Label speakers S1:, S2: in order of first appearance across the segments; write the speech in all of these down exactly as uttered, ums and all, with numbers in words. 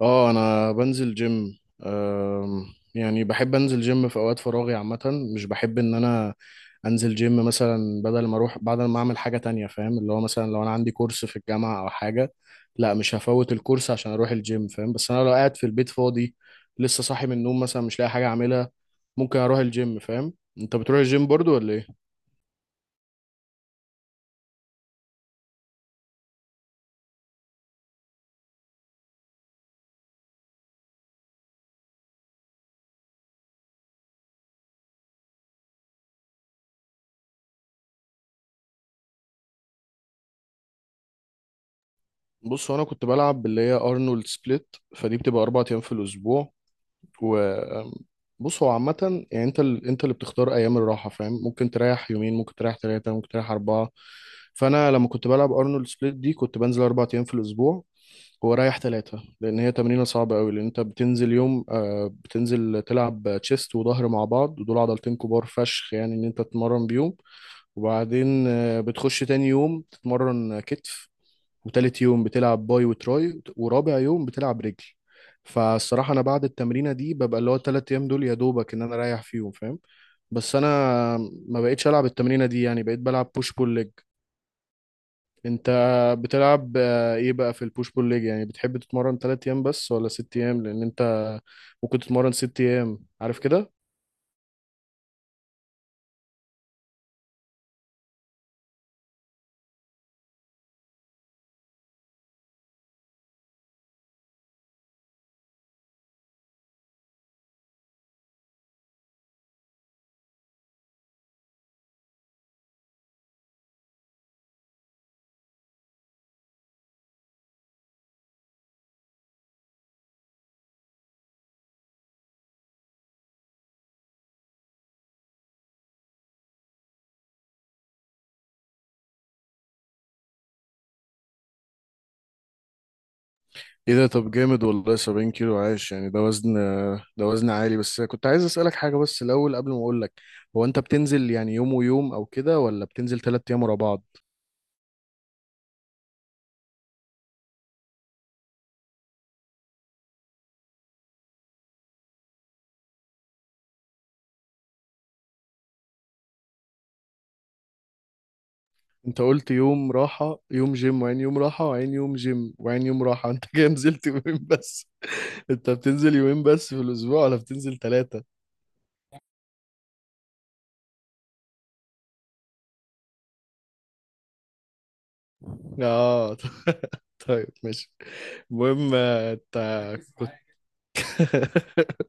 S1: اه، انا بنزل جيم. أم، يعني بحب انزل جيم في اوقات فراغي عامة. مش بحب ان انا انزل جيم مثلا، بدل ما اروح، بدل ما اعمل حاجة تانية. فاهم؟ اللي هو مثلا لو انا عندي كورس في الجامعة او حاجة، لا، مش هفوت الكورس عشان اروح الجيم، فاهم؟ بس انا لو قاعد في البيت فاضي، لسه صاحي من النوم مثلا، مش لاقي حاجة اعملها، ممكن اروح الجيم. فاهم؟ انت بتروح الجيم برضو ولا ايه؟ بص، هو انا كنت بلعب اللي هي ارنولد سبليت، فدي بتبقى اربع ايام في الاسبوع. وبص، هو عامة يعني انت ال... انت اللي بتختار ايام الراحة، فاهم؟ ممكن تريح يومين، ممكن تريح ثلاثة، ممكن تريح أربعة. فانا لما كنت بلعب ارنولد سبليت دي، كنت بنزل اربع ايام في الاسبوع ورايح ثلاثة، لان هي تمرينة صعبة قوي، لان انت بتنزل يوم آه، بتنزل تلعب تشيست وظهر مع بعض، ودول عضلتين كبار فشخ يعني ان انت تتمرن بيهم. وبعدين آه، بتخش تاني يوم تتمرن كتف، وتالت يوم بتلعب باي وتراي، ورابع يوم بتلعب رجل. فالصراحة أنا بعد التمرينة دي، ببقى اللي هو التلات أيام دول يا دوبك إن أنا أريح فيهم، فاهم؟ بس أنا ما بقيتش ألعب التمرينة دي، يعني بقيت بلعب بوش بول ليج. أنت بتلعب آه، إيه بقى في البوش بول ليج؟ يعني بتحب تتمرن تلات أيام بس ولا ست أيام؟ لأن أنت ممكن تتمرن ست أيام، عارف كده؟ ايه ده، طب جامد والله! سبعين كيلو؟ عايش يعني، ده وزن، ده وزن عالي. بس كنت عايز اسألك حاجة، بس الأول قبل ما اقول لك، هو انت بتنزل يعني يوم ويوم او كده، ولا بتنزل تلات ايام ورا بعض؟ انت قلت يوم راحة، يوم جيم، وعين يوم راحة، وعين يوم جيم، وعين يوم راحة. انت كده نزلت يومين بس! انت بتنزل يومين بس في الاسبوع ولا بتنزل ثلاثة؟ اه. طيب ماشي. المهم آه، انت كنت،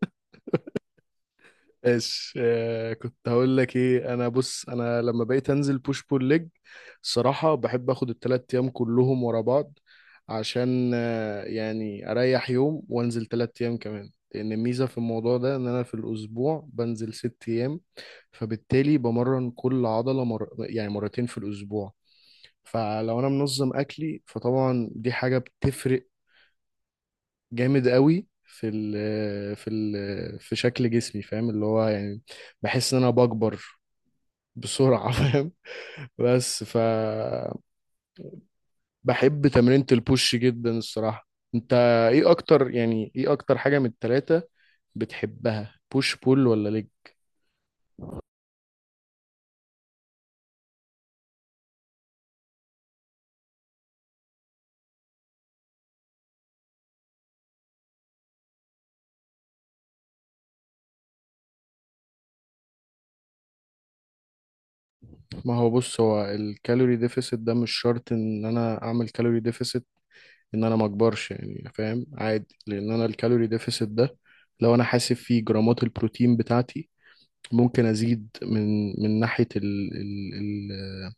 S1: ايش آه كنت هقول لك ايه. انا بص، انا لما بقيت انزل بوش بول ليج، الصراحه بحب اخد التلات ايام كلهم ورا بعض، عشان آه يعني اريح يوم وانزل تلات ايام كمان. لان الميزه في الموضوع ده ان انا في الاسبوع بنزل ست ايام، فبالتالي بمرن كل عضله مر... يعني مرتين في الاسبوع. فلو انا منظم اكلي، فطبعا دي حاجه بتفرق جامد قوي في ال في ال في شكل جسمي، فاهم؟ اللي هو يعني بحس ان انا بكبر بسرعة. فاهم؟ بس ف بحب تمرينة البوش جدا الصراحة. انت ايه اكتر، يعني ايه اكتر حاجة من التلاتة بتحبها؟ بوش، بول، ولا ليج؟ ما هو بص، هو الكالوري ديفيسيت ده مش شرط ان انا اعمل كالوري ديفيسيت ان انا ما اكبرش، يعني فاهم؟ عادي، لان انا الكالوري ديفيسيت ده، لو انا حاسب فيه جرامات البروتين بتاعتي، ممكن ازيد من من ناحيه ال ال ال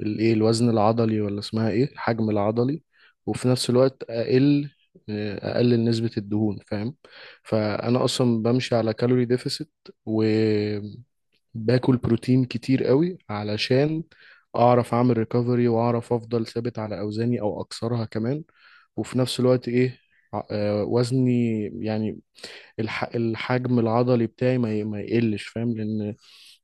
S1: الايه، الوزن العضلي، ولا اسمها ايه، الحجم العضلي. وفي نفس الوقت اقل اقلل نسبه الدهون، فاهم؟ فانا اصلا بمشي على كالوري ديفيسيت، وباكل بروتين كتير قوي، علشان اعرف اعمل ريكفري، واعرف افضل ثابت على اوزاني او اكسرها كمان. وفي نفس الوقت ايه، ع- آه، وزني يعني، الح- الحجم العضلي بتاعي ما ي- ما يقلش، فاهم؟ لان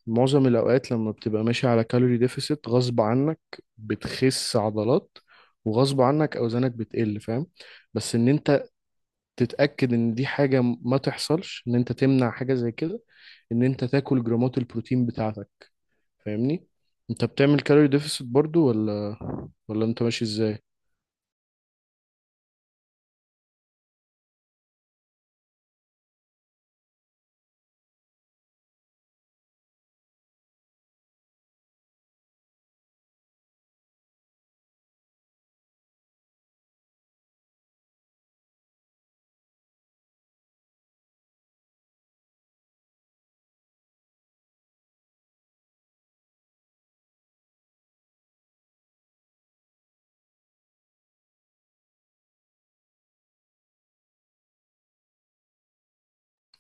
S1: معظم الأوقات لما بتبقى ماشي على كالوري ديفيسيت، غصب عنك بتخس عضلات، وغصب عنك أوزانك بتقل، فاهم؟ بس إن أنت تتأكد إن دي حاجة ما تحصلش، إن أنت تمنع حاجة زي كده، إن أنت تاكل جرامات البروتين بتاعتك، فاهمني؟ أنت بتعمل كالوري ديفيسيت برضو ولا ولا أنت ماشي إزاي؟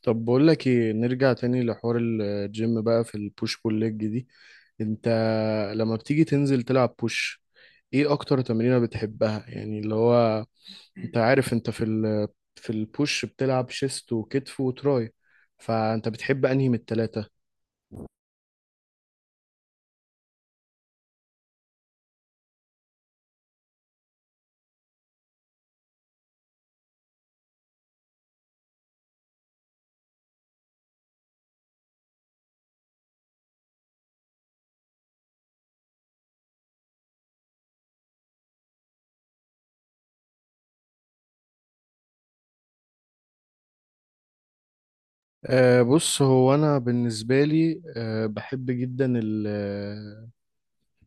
S1: طب بقول لك ايه، نرجع تاني لحوار الجيم بقى. في البوش بول ليج دي، انت لما بتيجي تنزل تلعب بوش، ايه اكتر تمرينة بتحبها؟ يعني اللي هو، انت عارف انت في ال في البوش بتلعب شيست وكتف وتراي، فانت بتحب انهي من التلاتة؟ أه بص، هو انا بالنسبة لي، أه بحب جدا ال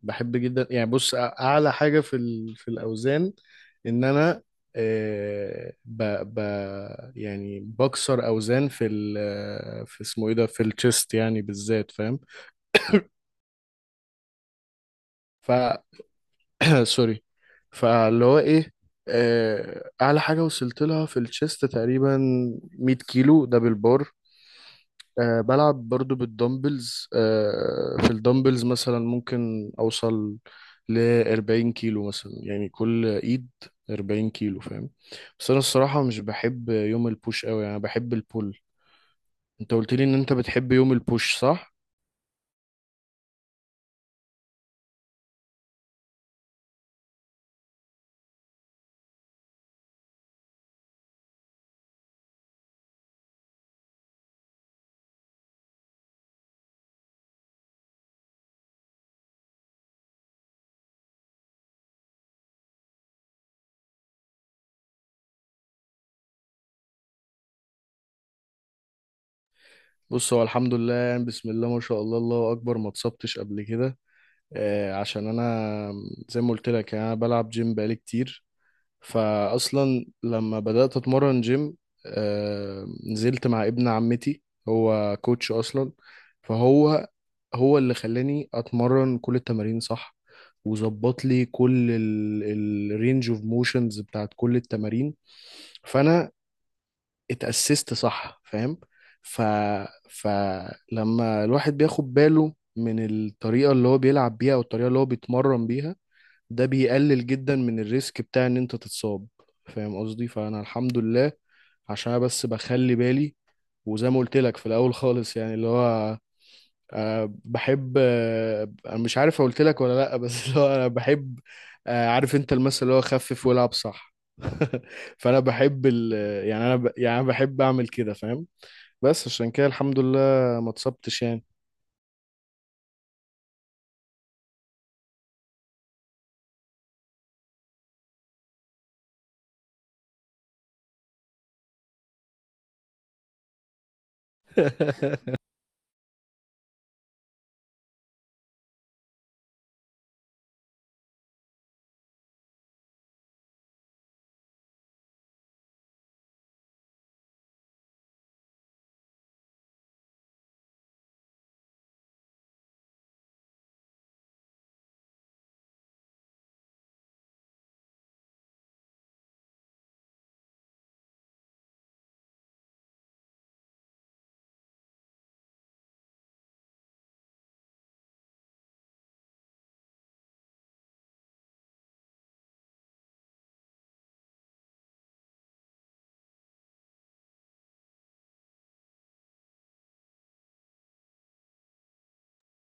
S1: بحب جدا، يعني بص، أ- اعلى حاجة في ال في الاوزان، ان انا آه، ب ب يعني بكسر اوزان في ال آه، في اسمه ايه ده، في الشيست يعني بالذات، فاهم؟ ف سوري. فاللي هو ايه آه، اعلى حاجه وصلت لها في الشيست تقريبا مية كيلو، ده بالبار. أه بلعب برضو بالدمبلز، أه في الدمبلز مثلا ممكن أوصل ل أربعين كيلو مثلا، يعني كل إيد أربعين كيلو، فاهم؟ بس أنا الصراحة مش بحب يوم البوش أوي، يعني بحب البول. أنت قلت لي إن أنت بتحب يوم البوش، صح؟ بص، هو الحمد لله يعني، بسم الله ما شاء الله، الله أكبر، ما اتصبتش قبل كده. أه عشان أنا زي ما قلت لك، يعني أنا بلعب جيم بقالي كتير. فاصلا لما بدات اتمرن جيم، آه، نزلت مع ابن عمتي، هو كوتش اصلا. فهو هو اللي خلاني اتمرن كل التمارين صح، وظبط لي كل الرينج اوف موشنز بتاعت كل التمارين. فانا اتأسست صح، فاهم؟ ف فلما الواحد بياخد باله من الطريقة اللي هو بيلعب بيها، والطريقة اللي هو بيتمرن بيها، ده بيقلل جدا من الريسك بتاع ان انت تتصاب، فاهم قصدي؟ فانا الحمد لله، عشان أنا بس بخلي بالي. وزي ما قلت لك في الاول خالص، يعني اللي هو، أه بحب آه، انا مش عارف قلت لك ولا لا، بس اللي هو انا بحب، أه عارف انت المثل اللي هو خفف والعب، صح؟ فانا بحب ال، يعني انا ب... يعني انا بحب اعمل كده، فاهم؟ بس عشان كده الحمد لله ما اتصبتش يعني.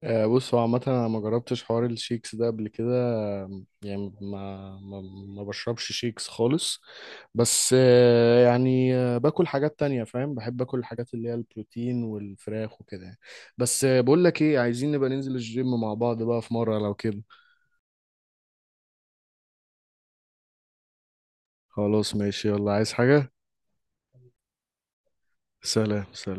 S1: آه، بص، هو عامة أنا ما جربتش حوار الشيكس ده قبل كده. آم، يعني ما ما ما بشربش شيكس خالص. بس آه، يعني آه، باكل حاجات تانية، فاهم؟ بحب أكل الحاجات اللي هي البروتين والفراخ وكده يعني. بس آه، بقول لك إيه، عايزين نبقى ننزل الجيم مع بعض بقى في مرة، لو كده. خلاص ماشي، يلا، عايز حاجة؟ سلام، سلام.